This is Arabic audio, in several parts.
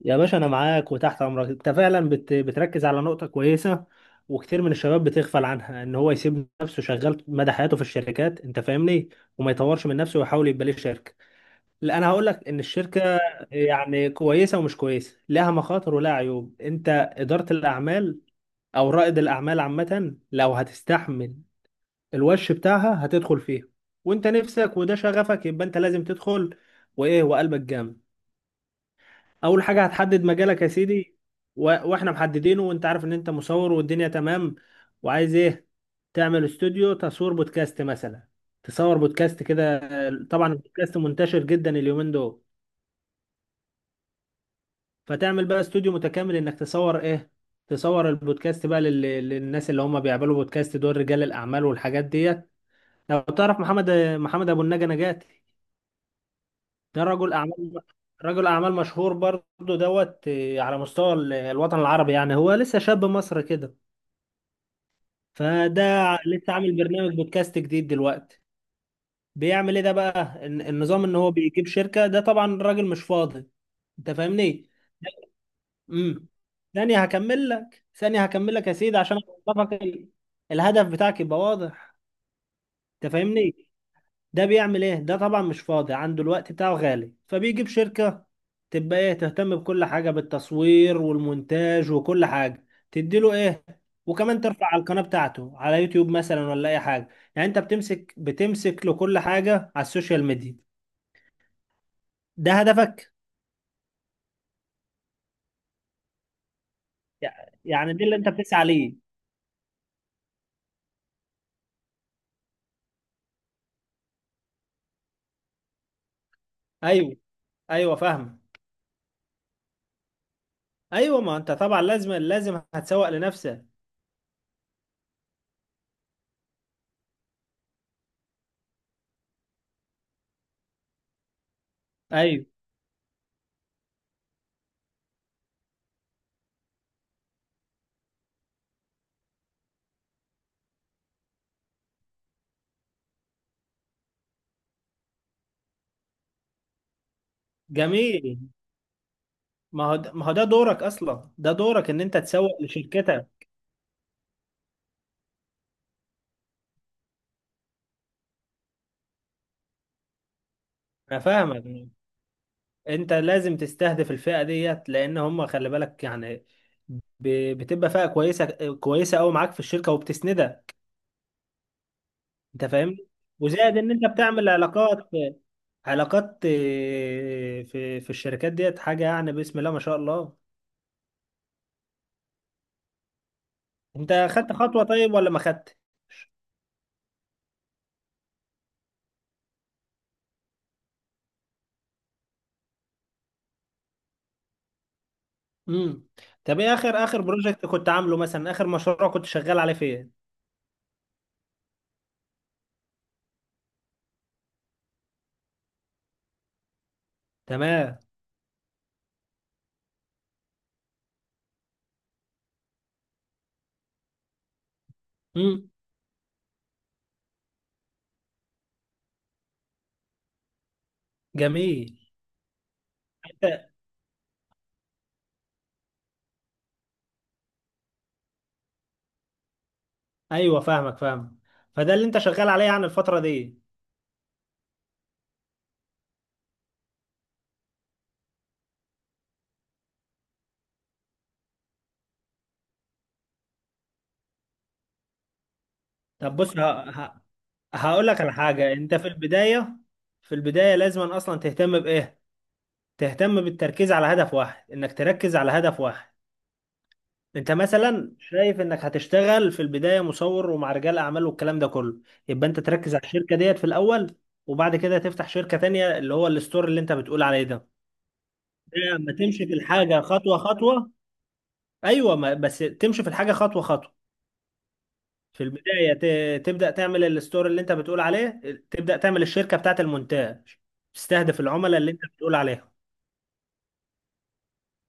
يا باشا انا معاك وتحت امرك. انت فعلا بتركز على نقطة كويسة، وكتير من الشباب بتغفل عنها، ان هو يسيب نفسه شغال مدى حياته في الشركات. انت فاهمني؟ وما يطورش من نفسه ويحاول يبقى ليه شركة. لا، انا هقول لك ان الشركة يعني كويسة ومش كويسة، لها مخاطر ولها عيوب. انت إدارة الاعمال او رائد الاعمال عامة، لو هتستحمل الوش بتاعها هتدخل فيها، وانت نفسك وده شغفك، يبقى انت لازم تدخل وايه وقلبك جامد. اول حاجه هتحدد مجالك يا سيدي. واحنا محددينه، وانت عارف ان انت مصور والدنيا تمام. وعايز ايه؟ تعمل استوديو تصوير بودكاست مثلا، تصور بودكاست كده. طبعا البودكاست منتشر جدا اليومين دول، فتعمل بقى استوديو متكامل انك تصور ايه. تصور البودكاست بقى للناس اللي هم بيعملوا بودكاست، دول رجال الاعمال والحاجات ديت. لو تعرف محمد، محمد ابو النجا نجاتي، ده رجل اعمال، رجل اعمال مشهور برضه دوت آه، على مستوى الوطن العربي، يعني هو لسه شاب مصري كده. فده لسه عامل برنامج بودكاست جديد دلوقتي. بيعمل ايه ده بقى، النظام ان هو بيجيب شركة، ده طبعا الراجل مش فاضي. انت فاهمني؟ امم ثانية هكمل لك، ثانية هكمل لك يا سيدي، عشان اوضحك الهدف بتاعك يبقى واضح. انت فاهمني؟ ده بيعمل ايه ده؟ طبعا مش فاضي، عنده الوقت بتاعه غالي، فبيجيب شركة تبقى ايه، تهتم بكل حاجة، بالتصوير والمونتاج وكل حاجة، تديله ايه، وكمان ترفع على القناة بتاعته على يوتيوب مثلا ولا اي حاجة. يعني انت بتمسك له كل حاجة على السوشيال ميديا، ده هدفك. يعني دي اللي انت بتسعى ليه. ايوه، ايوه فاهم. ايوه، ما انت طبعا لازم، لازم هتسوق لنفسك. ايوه، جميل. ما هو ده دورك اصلا، ده دورك ان انت تسوق لشركتك. انا فاهمك، انت لازم تستهدف الفئه ديت، لان هم خلي بالك يعني بتبقى فئه كويسه، كويسه قوي معاك في الشركه وبتسندها. انت فاهمني؟ وزائد ان انت بتعمل علاقات، علاقات آه، في الشركات ديت، حاجه يعني بسم الله ما شاء الله. انت خدت خطوه طيب ولا ما خدت؟ امم طب ايه اخر، اخر بروجكت كنت عامله مثلا؟ اخر مشروع كنت شغال عليه فين؟ تمام. امم جميل. ايوه فاهمك، فاهم. فده اللي انت شغال عليه يعني الفتره دي. طب بص، ه... هقول لك على حاجه. انت في البدايه، في البدايه لازم اصلا تهتم بايه؟ تهتم بالتركيز على هدف واحد، انك تركز على هدف واحد. انت مثلا شايف انك هتشتغل في البدايه مصور ومع رجال اعمال والكلام ده كله، يبقى انت تركز على الشركه ديت في الاول. وبعد كده تفتح شركه تانية، اللي هو الستور اللي انت بتقول عليه ده. ده ما تمشي في الحاجه خطوه خطوه. ايوه، ما بس تمشي في الحاجه خطوه خطوه. في البداية تبدأ تعمل الستور اللي انت بتقول عليه، تبدأ تعمل الشركة بتاعت المونتاج، تستهدف العملاء اللي انت بتقول عليهم.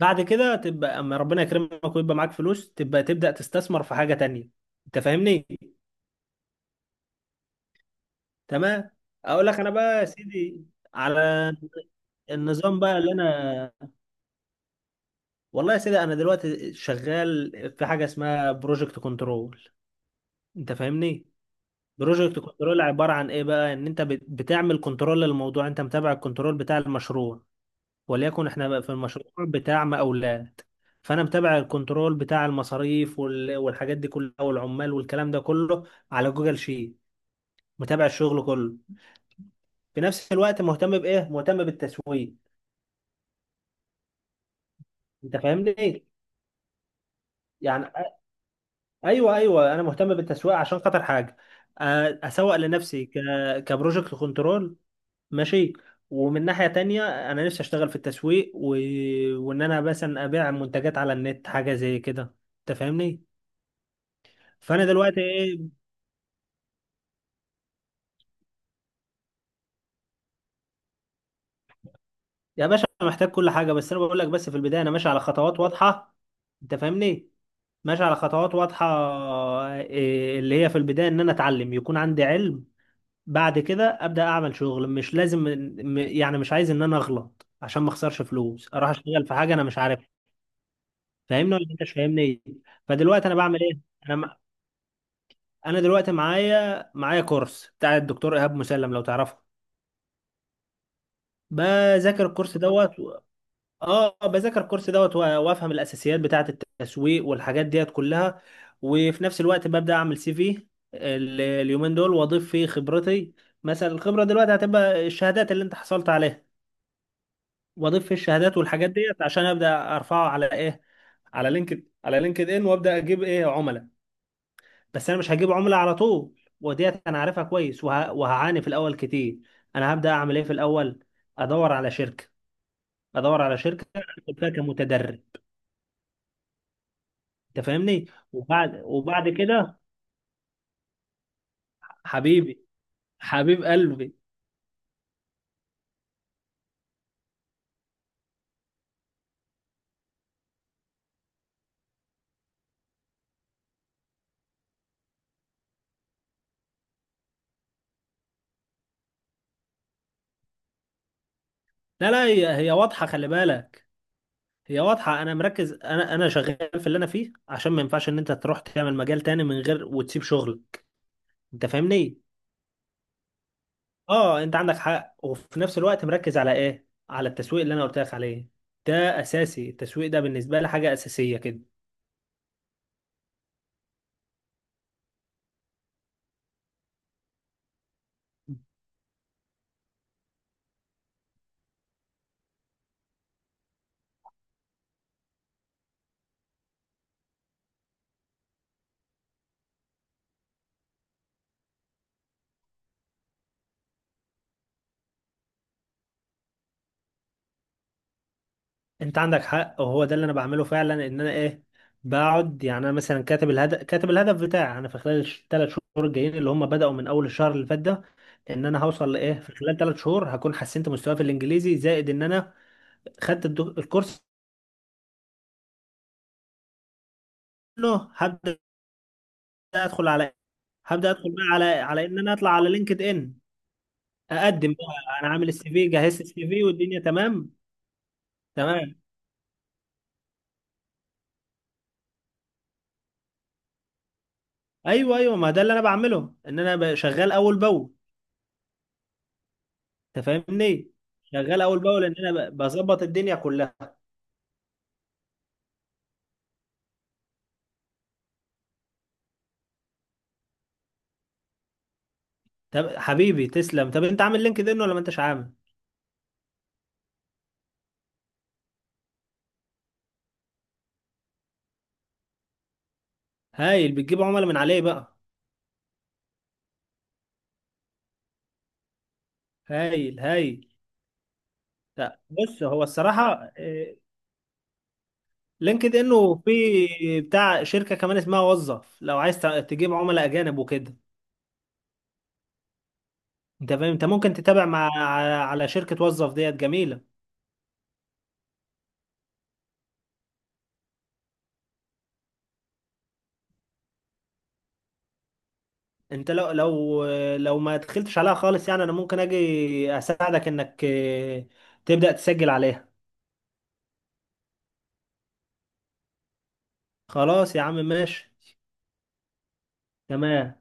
بعد كده تبقى اما ربنا يكرمك ويبقى معاك فلوس، تبقى تبدأ تستثمر في حاجة تانية. انت فاهمني؟ تمام. اقول لك انا بقى يا سيدي، على النظام بقى اللي انا، والله يا سيدي انا دلوقتي شغال في حاجة اسمها بروجكت كنترول. انت فاهمني؟ بروجكت كنترول عبارة عن ايه بقى، ان انت بتعمل كنترول للموضوع، انت متابع الكنترول بتاع المشروع. وليكن احنا بقى في المشروع بتاع مقاولات، فانا متابع الكنترول بتاع المصاريف والحاجات دي كلها، والعمال والكلام ده كله، على جوجل شيت. متابع الشغل كله. في نفس الوقت مهتم بايه؟ مهتم بالتسويق. انت فاهمني ايه؟ يعني ايوه، ايوه انا مهتم بالتسويق عشان خاطر حاجه، أ- اسوق لنفسي ك كبروجكت كنترول. ماشي. ومن ناحية تانية أنا نفسي أشتغل في التسويق وإن أنا مثلا أبيع منتجات على النت، حاجة زي كده. أنت فاهمني؟ فانا دلوقتي ايه. يا باشا محتاج كل حاجه، بس انا بقول لك، بس في البدايه انا ماشي على خطوات واضحه. انت فاهمني؟ ماشي على خطوات واضحه، إيه اللي هي في البدايه ان انا اتعلم، يكون عندي علم. بعد كده ابدا اعمل شغل. مش لازم يعني، مش عايز ان انا اغلط عشان ما اخسرش فلوس، اروح اشتغل في حاجه انا مش عارفها. فاهمني ولا انت مش فاهمني؟ فدلوقتي انا بعمل ايه؟ انا م- انا دلوقتي معايا كورس بتاع الدكتور ايهاب مسلم، لو تعرفه. بذاكر الكورس دوت. اه، بذاكر الكورس دوت وافهم الاساسيات بتاعه التسويق والحاجات ديت كلها. وفي نفس الوقت ببدا اعمل سي في اليومين دول، واضيف فيه خبرتي، مثلا الخبره دلوقتي هتبقى الشهادات اللي انت حصلت عليها. واضيف فيه الشهادات والحاجات ديت، عشان ابدا ارفعه على ايه، على لينكد ان، وابدا اجيب ايه، عملاء. بس انا مش هجيب عملاء على طول، وديت انا عارفها كويس، وهعاني في الاول كتير. انا هبدا اعمل ايه في الاول؟ ادور على شركه، ادور على شركه ادخل فيها كمتدرب. انت فاهمني؟ وبعد كده، حبيبي، حبيب قلبي. لا لا، هي، هي واضحه خلي بالك، هي واضحه. انا مركز، انا شغال في اللي انا فيه، عشان ما ينفعش ان انت تروح تعمل مجال تاني من غير وتسيب شغل. انت فاهمني؟ اه انت عندك حق، وفي نفس الوقت مركز على ايه، على التسويق اللي انا قلت لك عليه. ده اساسي، التسويق ده بالنسبه لي حاجه اساسيه كده. انت عندك حق، وهو ده اللي انا بعمله فعلا. ان انا ايه، بقعد يعني انا مثلا كاتب الهدف، كاتب الهدف بتاعي انا في خلال الثلاث شهور الجايين، اللي هم بدأوا من اول الشهر اللي فات ده، ان انا هوصل لايه في خلال ثلاث شهور. هكون حسنت مستواي في الانجليزي، زائد ان انا خدت الكورس كله. هبدأ ادخل على، هبدأ ادخل بقى على، على ان انا اطلع على لينكد ان، اقدم بقى. انا عامل السي في، جهزت السي في والدنيا تمام. تمام. ايوه، ايوه ما ده اللي انا بعمله، ان انا شغال اول باول. انت فاهمني؟ شغال اول باول، ان انا بظبط الدنيا كلها. طب حبيبي تسلم. طب انت عامل لينكد ان ولا ما انتش عامل؟ هايل، بتجيب عملاء من عليه بقى. هايل، هايل. لا، بص هو الصراحه آه، لينكد ان وفي بتاع شركه كمان اسمها وظف، لو عايز تجيب عملاء اجانب وكده. انت فاهم، انت ممكن تتابع مع، على شركه وظف ديت جميله. انت لو، لو، لو ما دخلتش عليها خالص يعني، انا ممكن اجي اساعدك انك آه، تبدا تسجل عليها. خلاص يا عم ماشي. تمام.